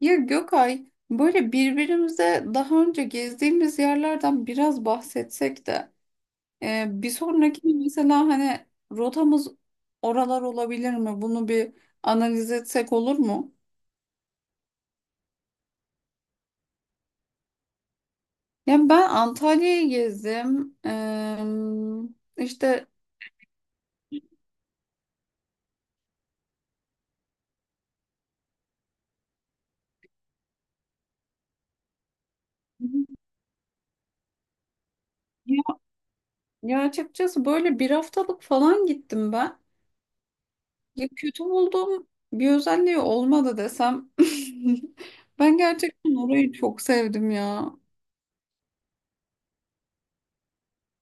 Ya Gökay, böyle birbirimize daha önce gezdiğimiz yerlerden biraz bahsetsek de bir sonraki mesela hani rotamız oralar olabilir mi? Bunu bir analiz etsek olur mu? Yani ben Antalya'yı gezdim. İşte ya, ya açıkçası böyle bir haftalık falan gittim ben. Ya kötü bulduğum bir özelliği olmadı desem. Ben gerçekten orayı çok sevdim ya.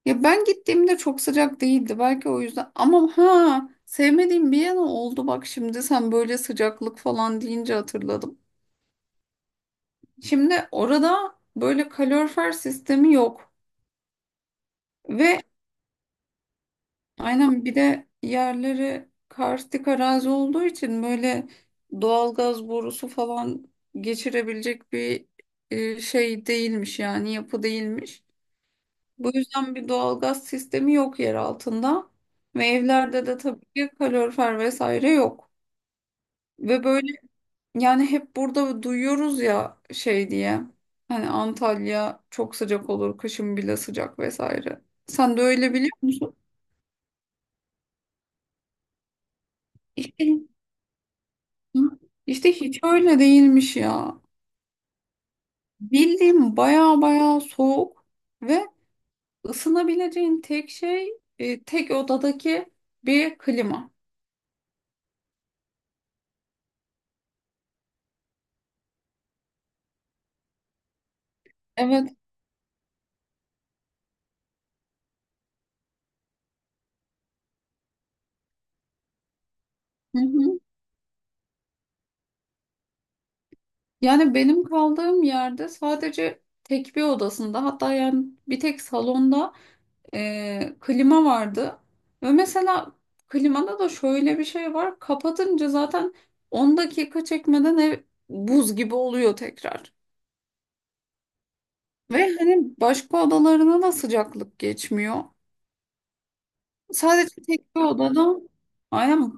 Ya ben gittiğimde çok sıcak değildi, belki o yüzden, ama ha, sevmediğim bir yana oldu bak, şimdi sen böyle sıcaklık falan deyince hatırladım. Şimdi orada böyle kalorifer sistemi yok ve aynen, bir de yerleri karstik arazi olduğu için böyle doğalgaz borusu falan geçirebilecek bir şey değilmiş, yani yapı değilmiş. Bu yüzden bir doğalgaz sistemi yok yer altında ve evlerde de tabii ki kalorifer vesaire yok. Ve böyle, yani hep burada duyuyoruz ya şey diye, hani Antalya çok sıcak olur, kışın bile sıcak vesaire. Sen de öyle biliyor musun? İşte, işte, hiç öyle değilmiş ya. Bildiğim baya baya soğuk ve ısınabileceğin tek şey tek odadaki bir klima. Evet. Hı hı. Yani benim kaldığım yerde sadece tek bir odasında, hatta yani bir tek salonda klima vardı. Ve mesela klimada da şöyle bir şey var: kapatınca zaten 10 dakika çekmeden ev buz gibi oluyor tekrar. Ve hani başka odalarına da sıcaklık geçmiyor. Sadece tek bir odada, aynen,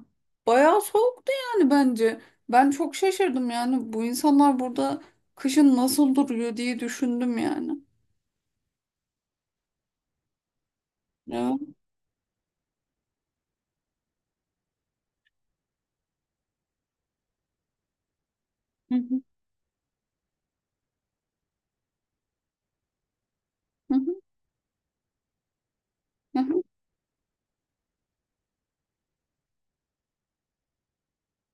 bayağı soğuktu yani bence. Ben çok şaşırdım, yani bu insanlar burada kışın nasıl duruyor diye düşündüm yani. Ya. Hı hı, hı hı, hı hı.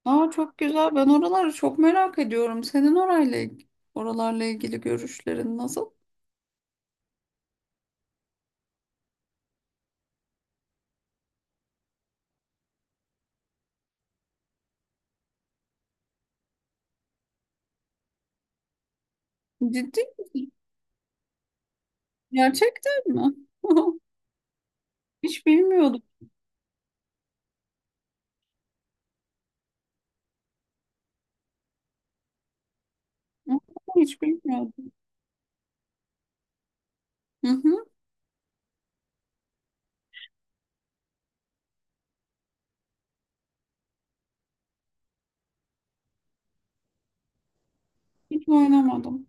Aa, çok güzel. Ben oraları çok merak ediyorum. Senin orayla, oralarla ilgili görüşlerin nasıl? Ciddi misin? Gerçekten mi? Hiç bilmiyordum. Hiç bilmiyordum. Hı hı. Hiç oynamadım.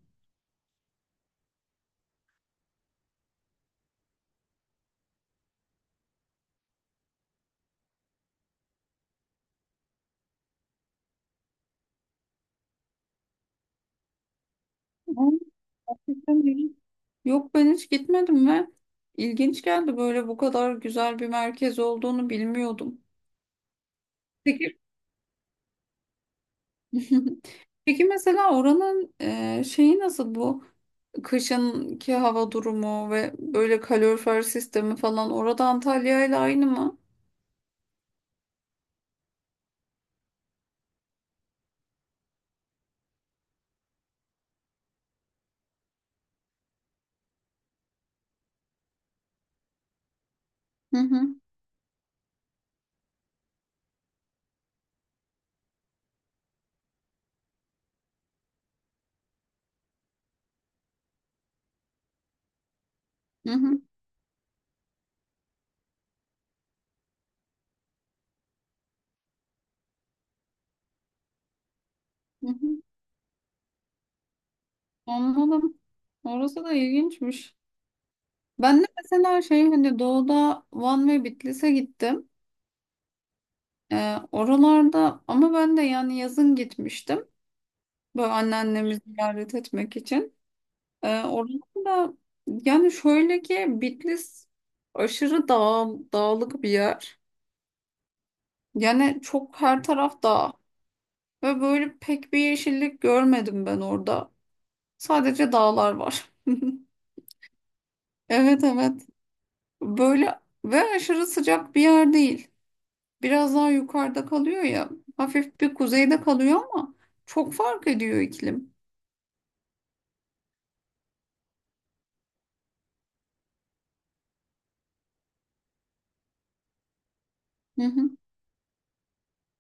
Ama gerçekten iyi. Yok, ben hiç gitmedim ve ilginç geldi, böyle bu kadar güzel bir merkez olduğunu bilmiyordum. Peki. Peki, mesela oranın şeyi nasıl bu? Kışınki hava durumu ve böyle kalorifer sistemi falan orada Antalya ile aynı mı? Hı hı, hı hı, hı hı. Anladım. Orası da ilginçmiş. Ben de mesela şey, hani doğuda Van ve Bitlis'e gittim. Oralarda ama ben de yani yazın gitmiştim. Böyle anneannemi ziyaret etmek için. Oranın da, yani şöyle ki, Bitlis aşırı dağlık bir yer. Yani çok her taraf dağ ve böyle pek bir yeşillik görmedim ben orada. Sadece dağlar var. Evet, evet. Böyle, ve aşırı sıcak bir yer değil. Biraz daha yukarıda kalıyor ya. Hafif bir kuzeyde kalıyor ama çok fark ediyor iklim. Hı hı.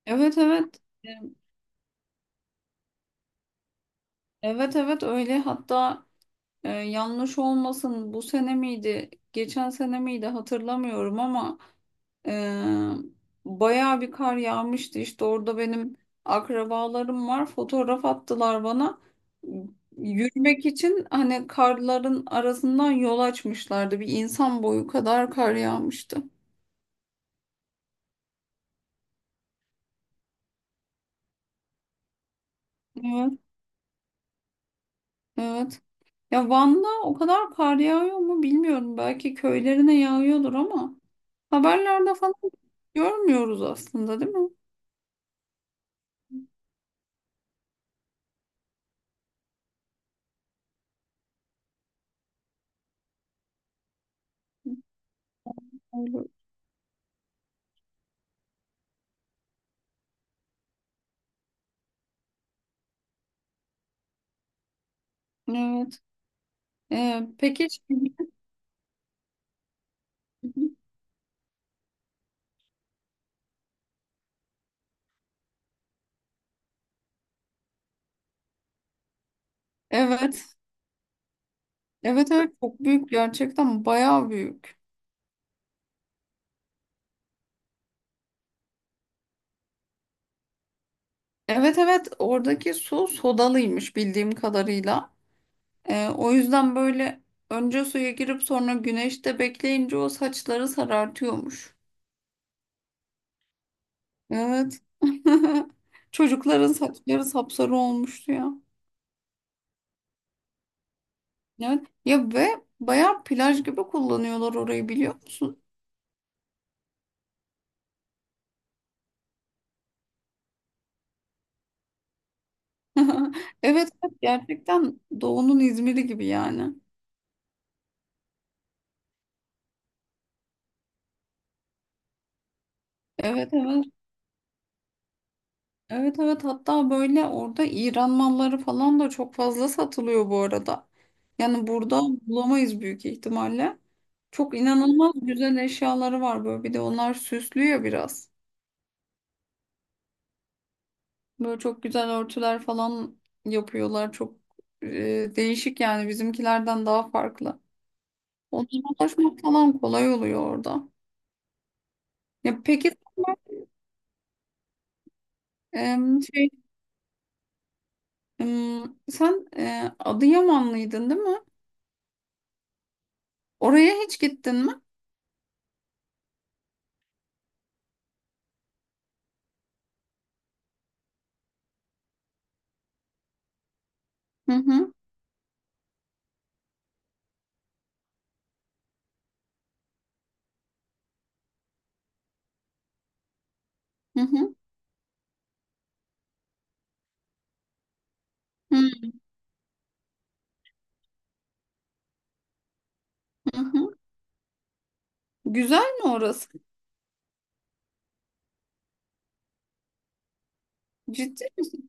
Evet, evet. Evet, evet, öyle. Hatta, yanlış olmasın, bu sene miydi, geçen sene miydi hatırlamıyorum, ama e, bayağı bir kar yağmıştı. İşte orada benim akrabalarım var, fotoğraf attılar bana. Yürümek için hani karların arasından yol açmışlardı. Bir insan boyu kadar kar yağmıştı. Evet, evet. Ya Van'da o kadar kar yağıyor mu bilmiyorum. Belki köylerine yağıyordur ama haberlerde falan görmüyoruz aslında, değil mi? Evet. Peki. Evet. Evet, evet, çok büyük gerçekten, bayağı büyük. Evet, evet, oradaki su sodalıymış bildiğim kadarıyla. O yüzden böyle önce suya girip sonra güneşte bekleyince o saçları sarartıyormuş. Evet. Çocukların saçları sapsarı olmuştu ya. Evet. Ya, ve bayağı plaj gibi kullanıyorlar orayı, biliyor musun? Evet, evet, gerçekten doğunun İzmir'i gibi yani. Evet, evet. Evet, evet, hatta böyle orada İran malları falan da çok fazla satılıyor bu arada. Yani burada bulamayız büyük ihtimalle. Çok inanılmaz güzel eşyaları var böyle. Bir de onlar süslüyor biraz. Böyle çok güzel örtüler falan yapıyorlar. Çok değişik, yani bizimkilerden daha farklı. Onlara ulaşmak falan kolay oluyor orada. Ya peki, sen, e, şey e, sen Adıyamanlıydın, değil mi? Oraya hiç gittin mi? Hı hı. Hı hı, hı hı. Hı. Güzel mi orası? Ciddi misin?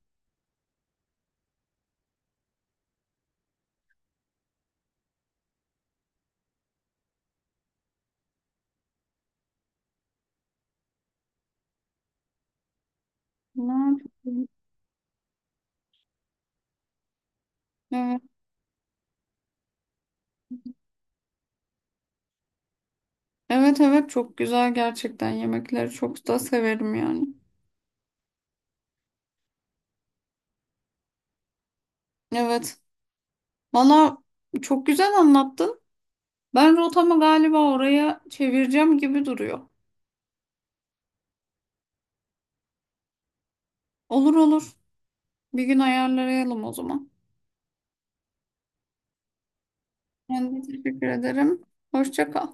Ne yapayım? Evet. Evet, evet, çok güzel gerçekten, yemekleri çok da severim yani. Evet. Valla, çok güzel anlattın. Ben rotamı galiba oraya çevireceğim gibi duruyor. Olur, olur. Bir gün ayarlayalım o zaman. Ben de teşekkür ederim. Hoşça kal.